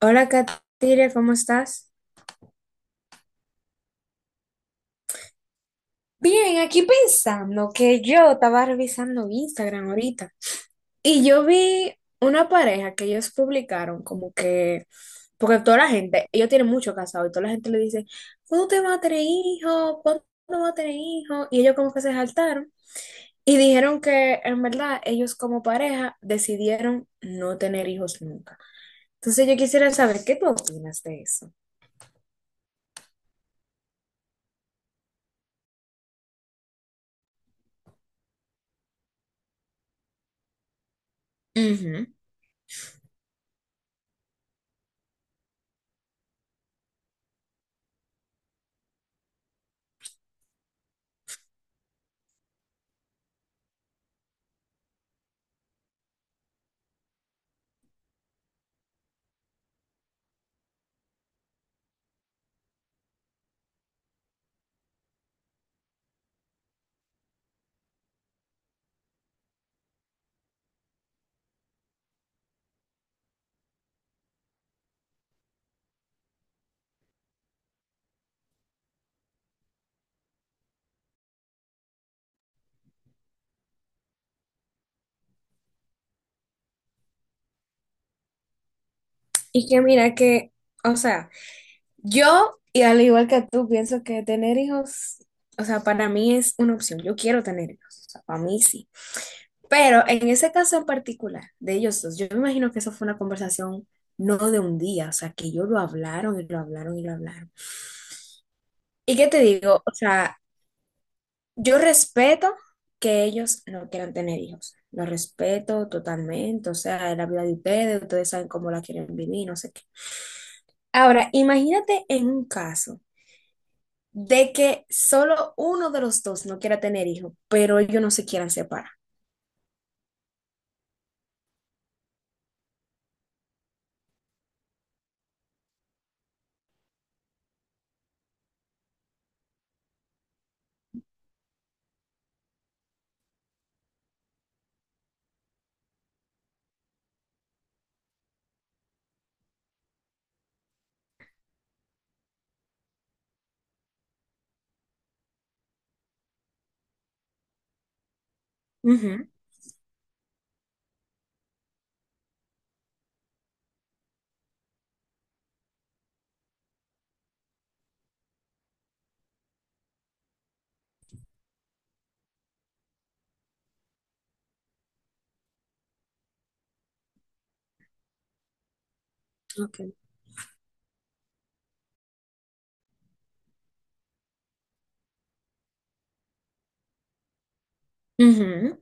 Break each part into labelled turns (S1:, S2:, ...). S1: Hola, Katiria, ¿cómo estás? Bien, aquí pensando que yo estaba revisando Instagram ahorita. Y yo vi una pareja que ellos publicaron como que, porque toda la gente, ellos tienen mucho casado y toda la gente le dice, ¿cuándo te vas a tener hijos? ¿Cuándo vas a tener hijos? Y ellos como que se saltaron y dijeron que en verdad ellos como pareja decidieron no tener hijos nunca. Entonces yo quisiera saber qué tú opinas de eso. Ujú. Y que mira que, o sea... Yo, y al igual que tú, pienso que tener hijos, o sea, para mí es una opción. Yo quiero tener hijos, o sea, para mí sí. Pero en ese caso en particular de ellos dos, yo me imagino que eso fue una conversación no de un día, o sea, que ellos lo hablaron y lo hablaron y lo hablaron. ¿Y qué te digo? O sea, yo respeto que ellos no quieran tener hijos. Lo respeto totalmente, o sea, es la vida de ustedes, ustedes saben cómo la quieren vivir, no sé qué. Ahora, imagínate en un caso de que solo uno de los dos no quiera tener hijos, pero ellos no se quieran separar. Ujú. Okay. Ujú.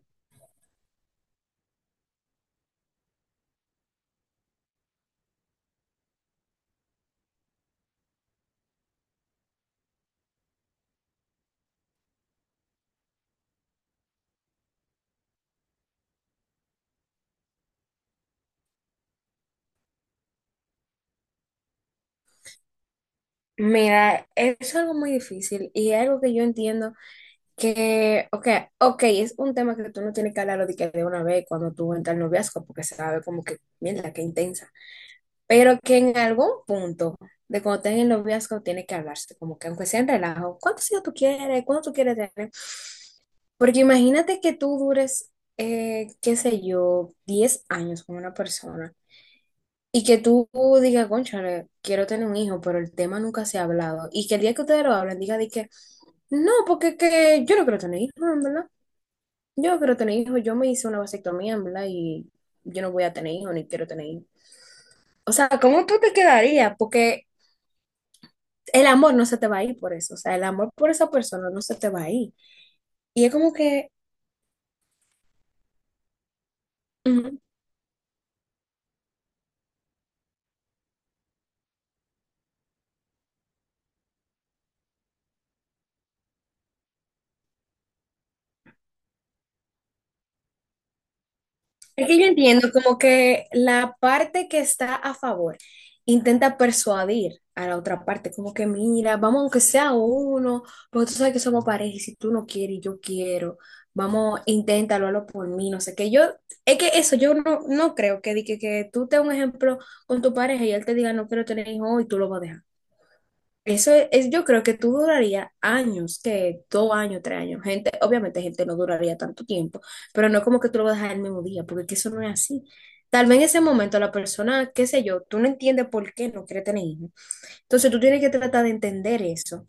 S1: Mira, es algo muy difícil y es algo que yo entiendo que, ok, ok, es un tema que tú no tienes que hablarlo de que de una vez cuando tú entras al noviazgo, porque se va a ver como que, mierda, qué intensa, pero que en algún punto de cuando estén en el noviazgo tiene que hablarse, como que aunque sea en relajo, ¿cuántos hijos tú quieres? ¿Cuánto tú quieres tener? Porque imagínate que tú dures, qué sé yo, 10 años con una persona y que tú digas, cónchale, quiero tener un hijo, pero el tema nunca se ha hablado. Y que el día que ustedes lo hablen, diga de que, no, porque que yo no quiero tener hijos, en verdad. Yo no quiero tener hijos, yo me hice una vasectomía, en verdad, y yo no voy a tener hijos ni quiero tener hijos. O sea, ¿cómo tú te quedarías? Porque el amor no se te va a ir por eso. O sea, el amor por esa persona no se te va a ir. Y es como que... Es que yo entiendo como que la parte que está a favor intenta persuadir a la otra parte, como que mira, vamos aunque sea uno, porque tú sabes que somos pareja y si tú no quieres y yo quiero, vamos, inténtalo, hazlo por mí, no sé qué. Yo, es que eso, yo no creo que, di que tú te un ejemplo con tu pareja y él te diga no quiero tener hijos y tú lo vas a dejar. Yo creo que tú duraría años, que 2 años, 3 años. Gente, obviamente gente no duraría tanto tiempo, pero no como que tú lo vas a dejar el mismo día, porque es que eso no es así. Tal vez en ese momento la persona, qué sé yo, tú no entiendes por qué no quiere tener hijos. Entonces tú tienes que tratar de entender eso.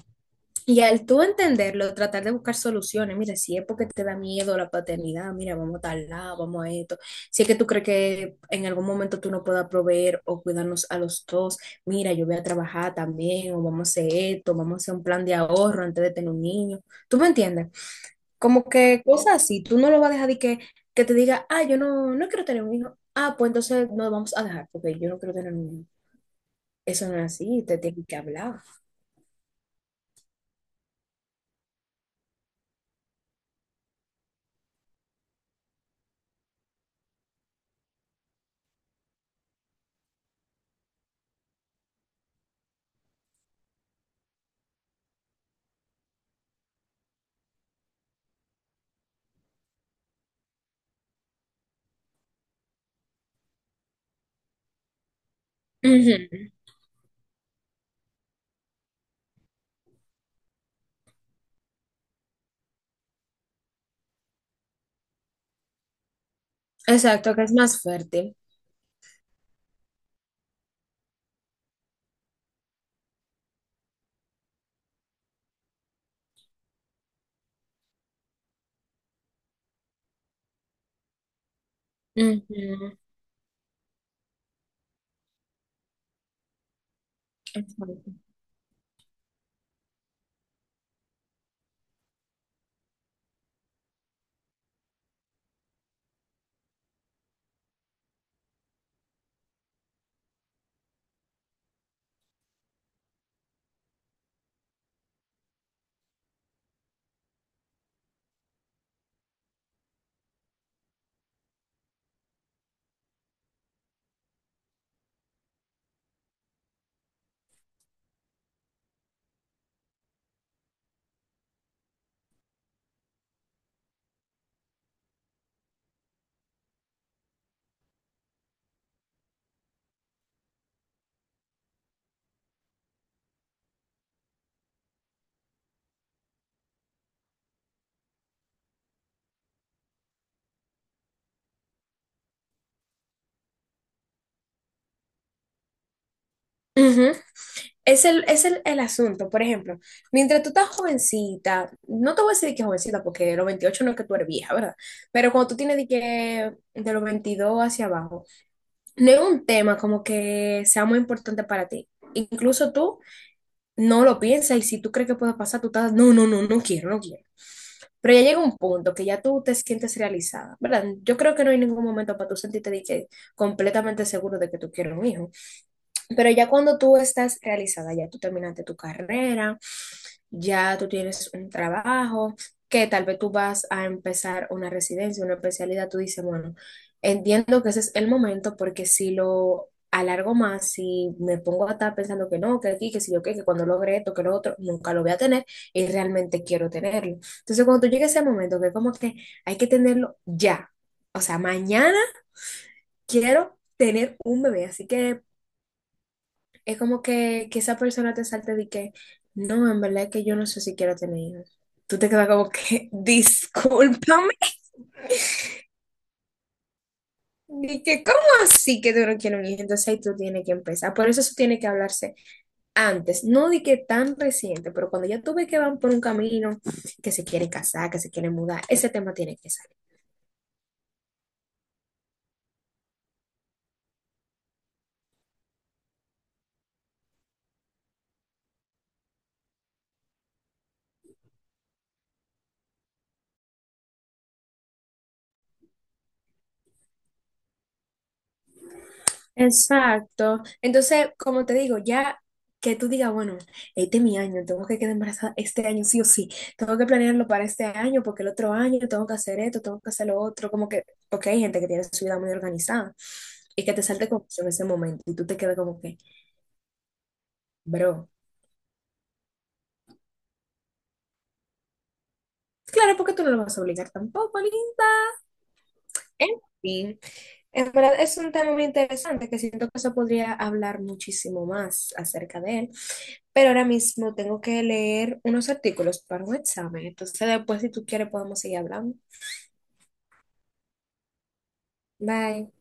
S1: Y al tú entenderlo, tratar de buscar soluciones, mira, si es porque te da miedo la paternidad, mira, vamos a tal lado, vamos a esto, si es que tú crees que en algún momento tú no puedas proveer o cuidarnos a los dos, mira, yo voy a trabajar también, o vamos a hacer esto, vamos a hacer un plan de ahorro antes de tener un niño, ¿tú me entiendes? Como que cosas así, tú no lo vas a dejar de que te diga, ah, yo no, no quiero tener un hijo, ah, pues entonces no vamos a dejar, porque yo no quiero tener un hijo. Eso no es así, te tienen que hablar. Ujú. Exacto, que es más fuerte. Ujú, exacto. Ujú. El asunto, por ejemplo, mientras tú estás jovencita, no te voy a decir que jovencita porque los 28 no es que tú eres vieja, ¿verdad? Pero cuando tú tienes de, que, de los 22 hacia abajo, no es un tema como que sea muy importante para ti. Incluso tú no lo piensas y si tú crees que puede pasar, tú estás, no, no, no, no quiero, no quiero. Pero ya llega un punto que ya tú te sientes realizada, ¿verdad? Yo creo que no hay ningún momento para tú sentirte de que completamente seguro de que tú quieres un hijo. Pero ya cuando tú estás realizada, ya tú terminaste tu carrera, ya tú tienes un trabajo, que tal vez tú vas a empezar una residencia, una especialidad, tú dices, bueno, entiendo que ese es el momento porque si lo alargo más, si me pongo a estar pensando que no, que aquí, que si yo qué, que cuando logre esto, que lo otro, nunca lo voy a tener y realmente quiero tenerlo. Entonces, cuando tú llegues a ese momento, que como que hay que tenerlo ya, o sea, mañana quiero tener un bebé, así que es como que esa persona te salte de que, no, en verdad es que yo no sé si quiero tener hijos. Tú te quedas como que, discúlpame, y que, ¿cómo así que tú no quieres un hijo? Entonces ahí tú tienes que empezar. Por eso eso tiene que hablarse antes, no de que tan reciente, pero cuando ya tú ves que van por un camino, que se quieren casar, que se quieren mudar, ese tema tiene que salir. Exacto. Entonces, como te digo, ya que tú digas, bueno, este es mi año, tengo que quedar embarazada este año sí o sí, tengo que planearlo para este año porque el otro año tengo que hacer esto, tengo que hacer lo otro, como que, porque hay gente que tiene su vida muy organizada y que te salte con eso en ese momento y tú te quedas como que, bro, claro, porque tú no lo vas a obligar tampoco, ni- En fin, en verdad es un tema muy interesante que siento que se podría hablar muchísimo más acerca de él, pero ahora mismo tengo que leer unos artículos para un examen, entonces después si tú quieres podemos seguir hablando. Bye.